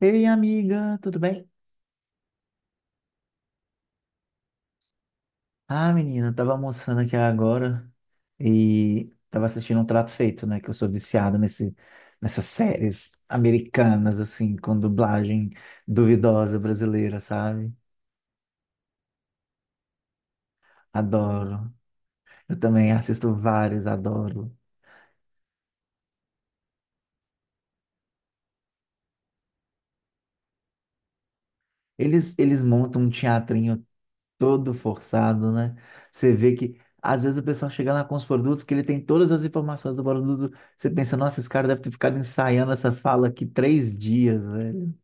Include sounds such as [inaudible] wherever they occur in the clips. Ei, amiga, tudo bem? Ah, menina, eu tava almoçando aqui agora e tava assistindo um Trato Feito, né? Que eu sou viciado nessas séries americanas, assim, com dublagem duvidosa brasileira, sabe? Adoro. Eu também assisto vários, adoro. Eles montam um teatrinho todo forçado, né? Você vê que, às vezes, o pessoal chega lá com os produtos que ele tem todas as informações do produto. Você pensa, nossa, esse cara deve ter ficado ensaiando essa fala aqui 3 dias, velho.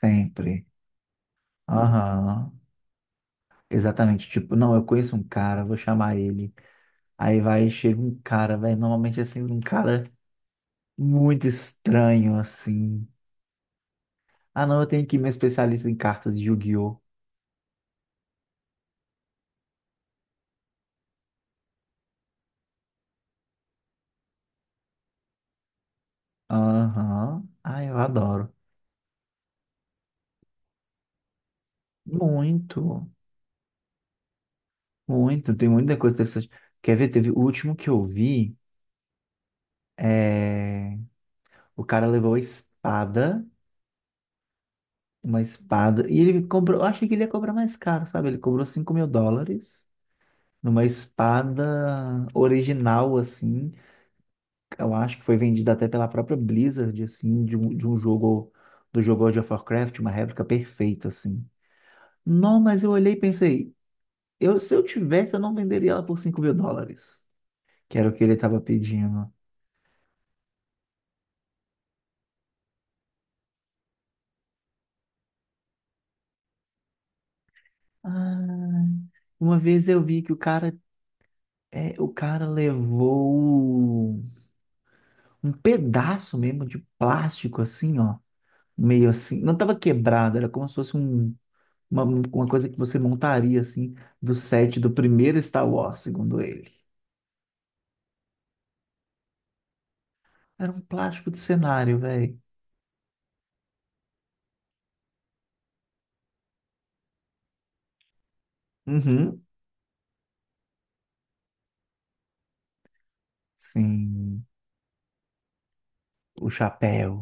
Sempre. Aham. Exatamente. Tipo, não, eu conheço um cara, vou chamar ele. Aí vai, chega um cara, velho. Normalmente é sempre um cara muito estranho, assim. Ah, não, eu tenho aqui meu especialista em cartas de Yu-Gi-Oh! Aham. Ah, eu adoro. Muito, muito. Tem muita coisa interessante. Quer ver? Teve o último que eu vi. É... O cara levou a espada, uma espada, e ele cobrou. Eu achei que ele ia cobrar mais caro, sabe? Ele cobrou US$ 5.000 numa espada original, assim. Eu acho que foi vendida até pela própria Blizzard, assim, de um jogo, do jogo World of Warcraft, uma réplica perfeita, assim. Não, mas eu olhei e pensei, eu, se eu tivesse, eu não venderia ela por US$ 5.000, que era o que ele estava pedindo. Ah, uma vez eu vi que o cara, é, o cara levou um pedaço mesmo de plástico, assim, ó. Meio assim, não estava quebrado, era como se fosse um, uma coisa que você montaria, assim, do set do primeiro Star Wars, segundo ele. Era um plástico de cenário, velho. Uhum. Sim. O chapéu.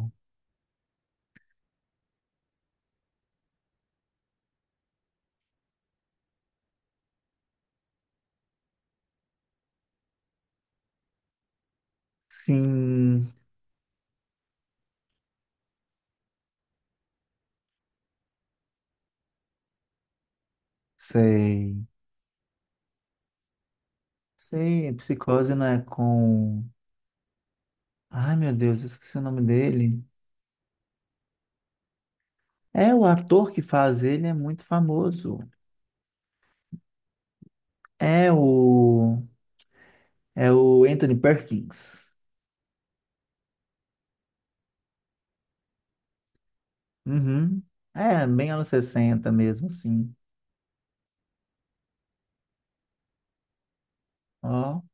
Sim. Sei. Sei. Psicose não é com. Ai, meu Deus, eu esqueci o nome dele. É, o ator que faz ele é muito famoso. É o. É o Anthony Perkins. Uhum. É, bem anos 60 mesmo, assim. Ó,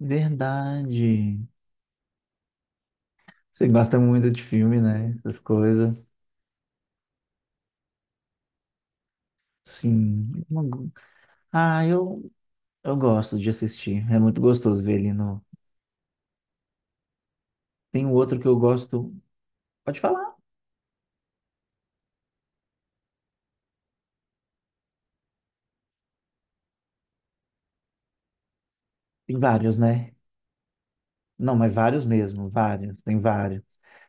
verdade. Você gosta muito de filme, né? Essas coisas. Sim. Ah, eu gosto de assistir. É muito gostoso ver ele no. Tem um outro que eu gosto. Pode falar. Tem vários, né? Não, mas vários mesmo. Vários. Tem vários.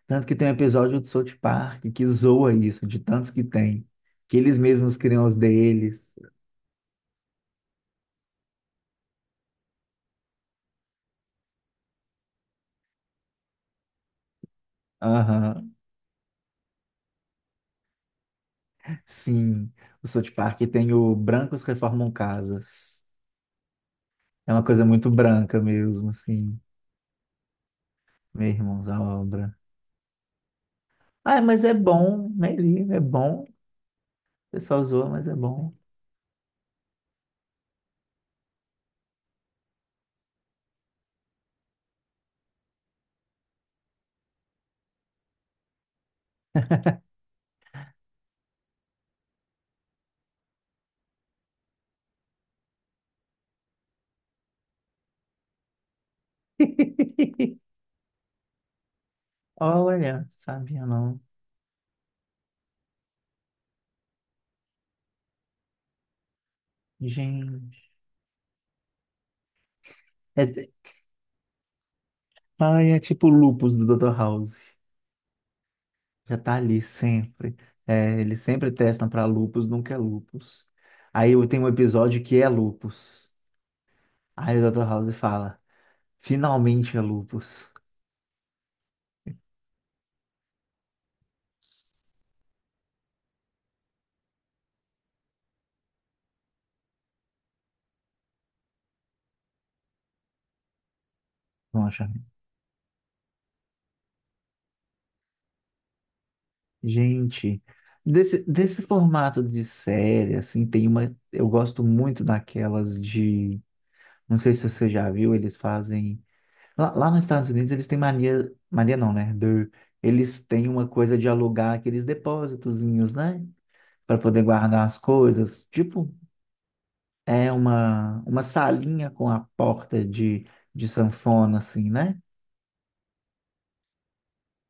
Tanto que tem um episódio do South Park que zoa isso, de tantos que tem. Que eles mesmos criam os deles. Aham. Sim. O South Park tem o Brancos Reformam Casas. É uma coisa muito branca mesmo, assim. Meu irmãos, a obra. Ah, mas é bom, né? Lívia? É bom. O pessoal zoa, mas é bom. [laughs] Olha, sabia não. Gente. É, de- ai, é tipo o lupus do Dr. House. Já tá ali sempre. É, eles sempre testam pra lupus, nunca é lupus. Aí eu tenho um episódio que é lupus. Aí o Dr. House fala: finalmente é lupus. Vão achar. Gente, desse formato de série, assim, tem uma. Eu gosto muito daquelas de não sei se você já viu, eles fazem. Lá nos Estados Unidos, eles têm mania. Mania não, né? Do- eles têm uma coisa de alugar aqueles depósitozinhos, né? Para poder guardar as coisas. Tipo, é uma salinha com a porta de sanfona, assim, né?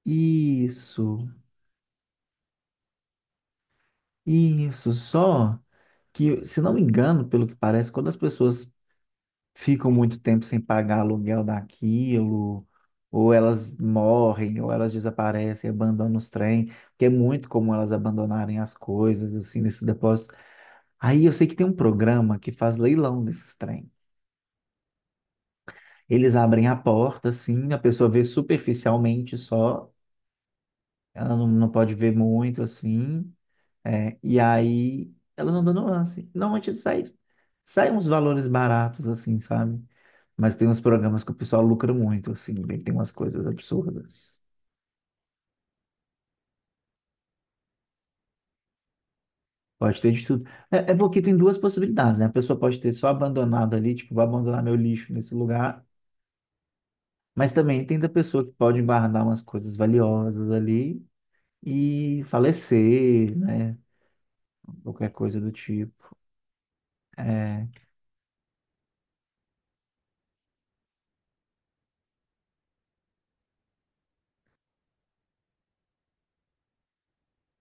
Isso, isso. Só que, se não me engano, pelo que parece, quando as pessoas ficam muito tempo sem pagar aluguel daquilo, ou elas morrem, ou elas desaparecem, abandonam os trem, que é muito comum elas abandonarem as coisas, assim, nesses depósitos. Aí eu sei que tem um programa que faz leilão desses trem. Eles abrem a porta, assim, a pessoa vê superficialmente só, ela não, não pode ver muito, assim, é, e aí elas vão dando lance. Normalmente sai, saem uns valores baratos, assim, sabe? Mas tem uns programas que o pessoal lucra muito, assim, bem, tem umas coisas absurdas. Pode ter de tudo. É, é porque tem duas possibilidades, né? A pessoa pode ter só abandonado ali, tipo, vou abandonar meu lixo nesse lugar, mas também tem da pessoa que pode guardar umas coisas valiosas ali e falecer, né? Qualquer coisa do tipo. É,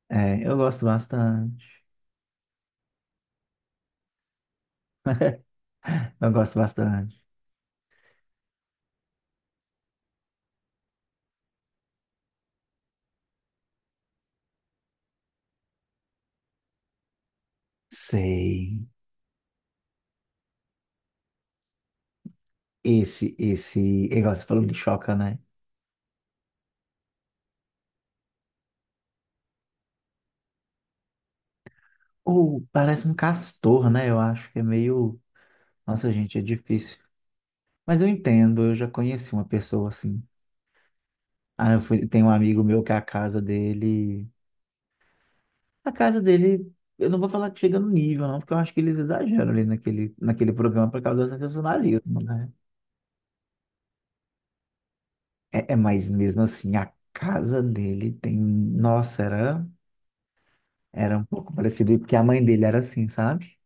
eu gosto bastante. Eu gosto bastante. Sei. Esse, esse, igual você falou de choca, né? Ou parece um castor, né? Eu acho que é meio nossa, gente, é difícil. Mas eu entendo, eu já conheci uma pessoa assim. Ah, eu fui, tem um amigo meu que é a casa dele. A casa dele, eu não vou falar que chega no nível, não, porque eu acho que eles exageram ali naquele programa por causa do sensacionalismo, né? Mas mesmo assim, a casa dele tem. Nossa, era, era um pouco parecido, porque a mãe dele era assim, sabe?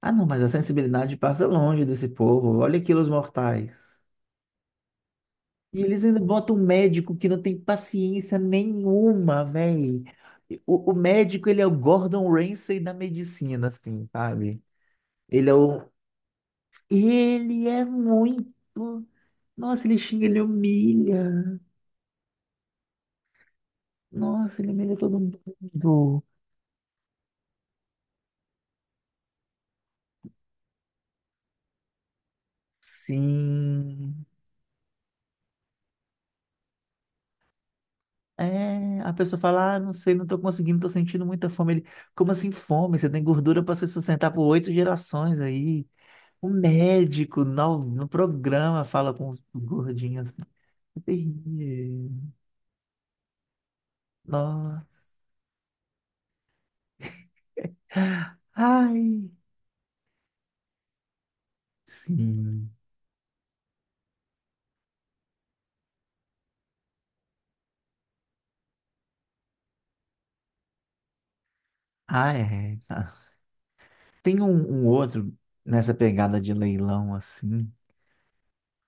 Ah, não, mas a sensibilidade passa longe desse povo. Olha aqui os mortais. E eles ainda botam um médico que não tem paciência nenhuma, velho. O médico, ele é o Gordon Ramsay da medicina, assim, sabe? Ele é o... Ele é muito... Nossa, ele xinga, ele humilha. Nossa, ele humilha todo mundo. Sim. É, a pessoa fala, ah, não sei, não tô conseguindo, tô sentindo muita fome. Ele, como assim fome? Você tem gordura para se sustentar por 8 gerações aí. O médico no programa fala com os gordinhos assim. "É terrível". Nossa. Ai, sim. Ah, é. Tá. Tem um, um outro nessa pegada de leilão assim,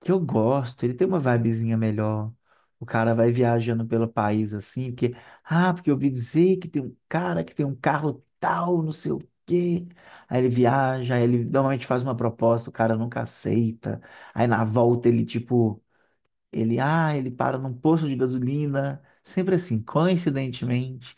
que eu gosto, ele tem uma vibezinha melhor. O cara vai viajando pelo país assim, porque, ah, porque eu ouvi dizer que tem um cara que tem um carro tal, não sei o quê. Aí ele viaja, aí ele normalmente faz uma proposta, o cara nunca aceita. Aí na volta ele, tipo, ele, ele para num posto de gasolina, sempre assim, coincidentemente,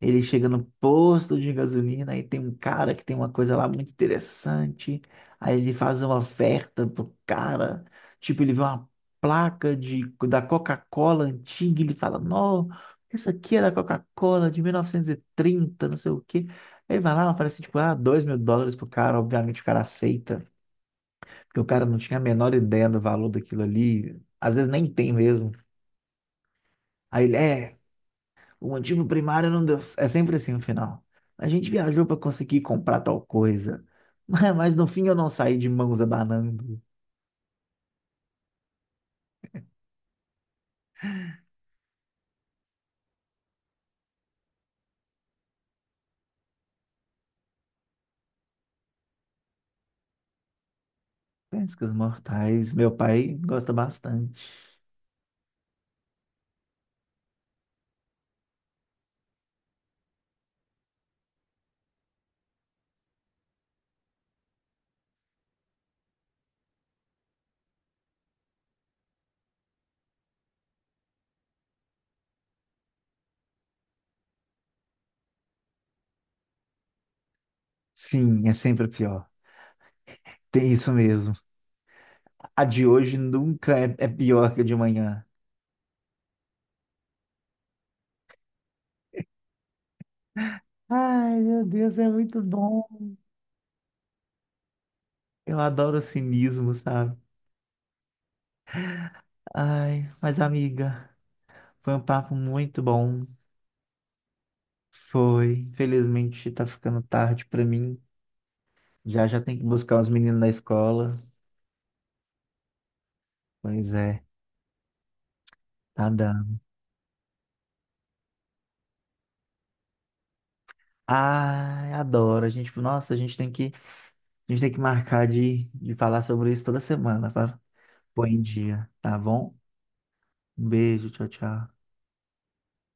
ele chega no posto de gasolina e tem um cara que tem uma coisa lá muito interessante. Aí ele faz uma oferta pro cara, tipo, ele vê uma placa da Coca-Cola antiga, e ele fala, não, essa aqui é da Coca-Cola de 1930, não sei o quê. Aí ele vai lá, oferece, tipo, ah, US$ 2.000 pro cara, obviamente o cara aceita, porque o cara não tinha a menor ideia do valor daquilo ali, às vezes nem tem mesmo. Aí ele, é, o motivo primário não deu. C-". É sempre assim no final. A gente viajou para conseguir comprar tal coisa, [laughs] mas no fim eu não saí de mãos abanando. Pescas mortais, meu pai gosta bastante. Sim, é sempre pior. Tem isso mesmo. A de hoje nunca é, é pior que a de amanhã. Ai, meu Deus, é muito bom. Eu adoro o cinismo, sabe? Ai, mas amiga, foi um papo muito bom. Foi. Infelizmente tá ficando tarde pra mim. Já já tem que buscar os meninos da escola. Pois é, tá dando. Ai, adoro. A gente, nossa, a gente tem que marcar de falar sobre isso toda semana para pôr em dia, tá bom? Um beijo, tchau, tchau.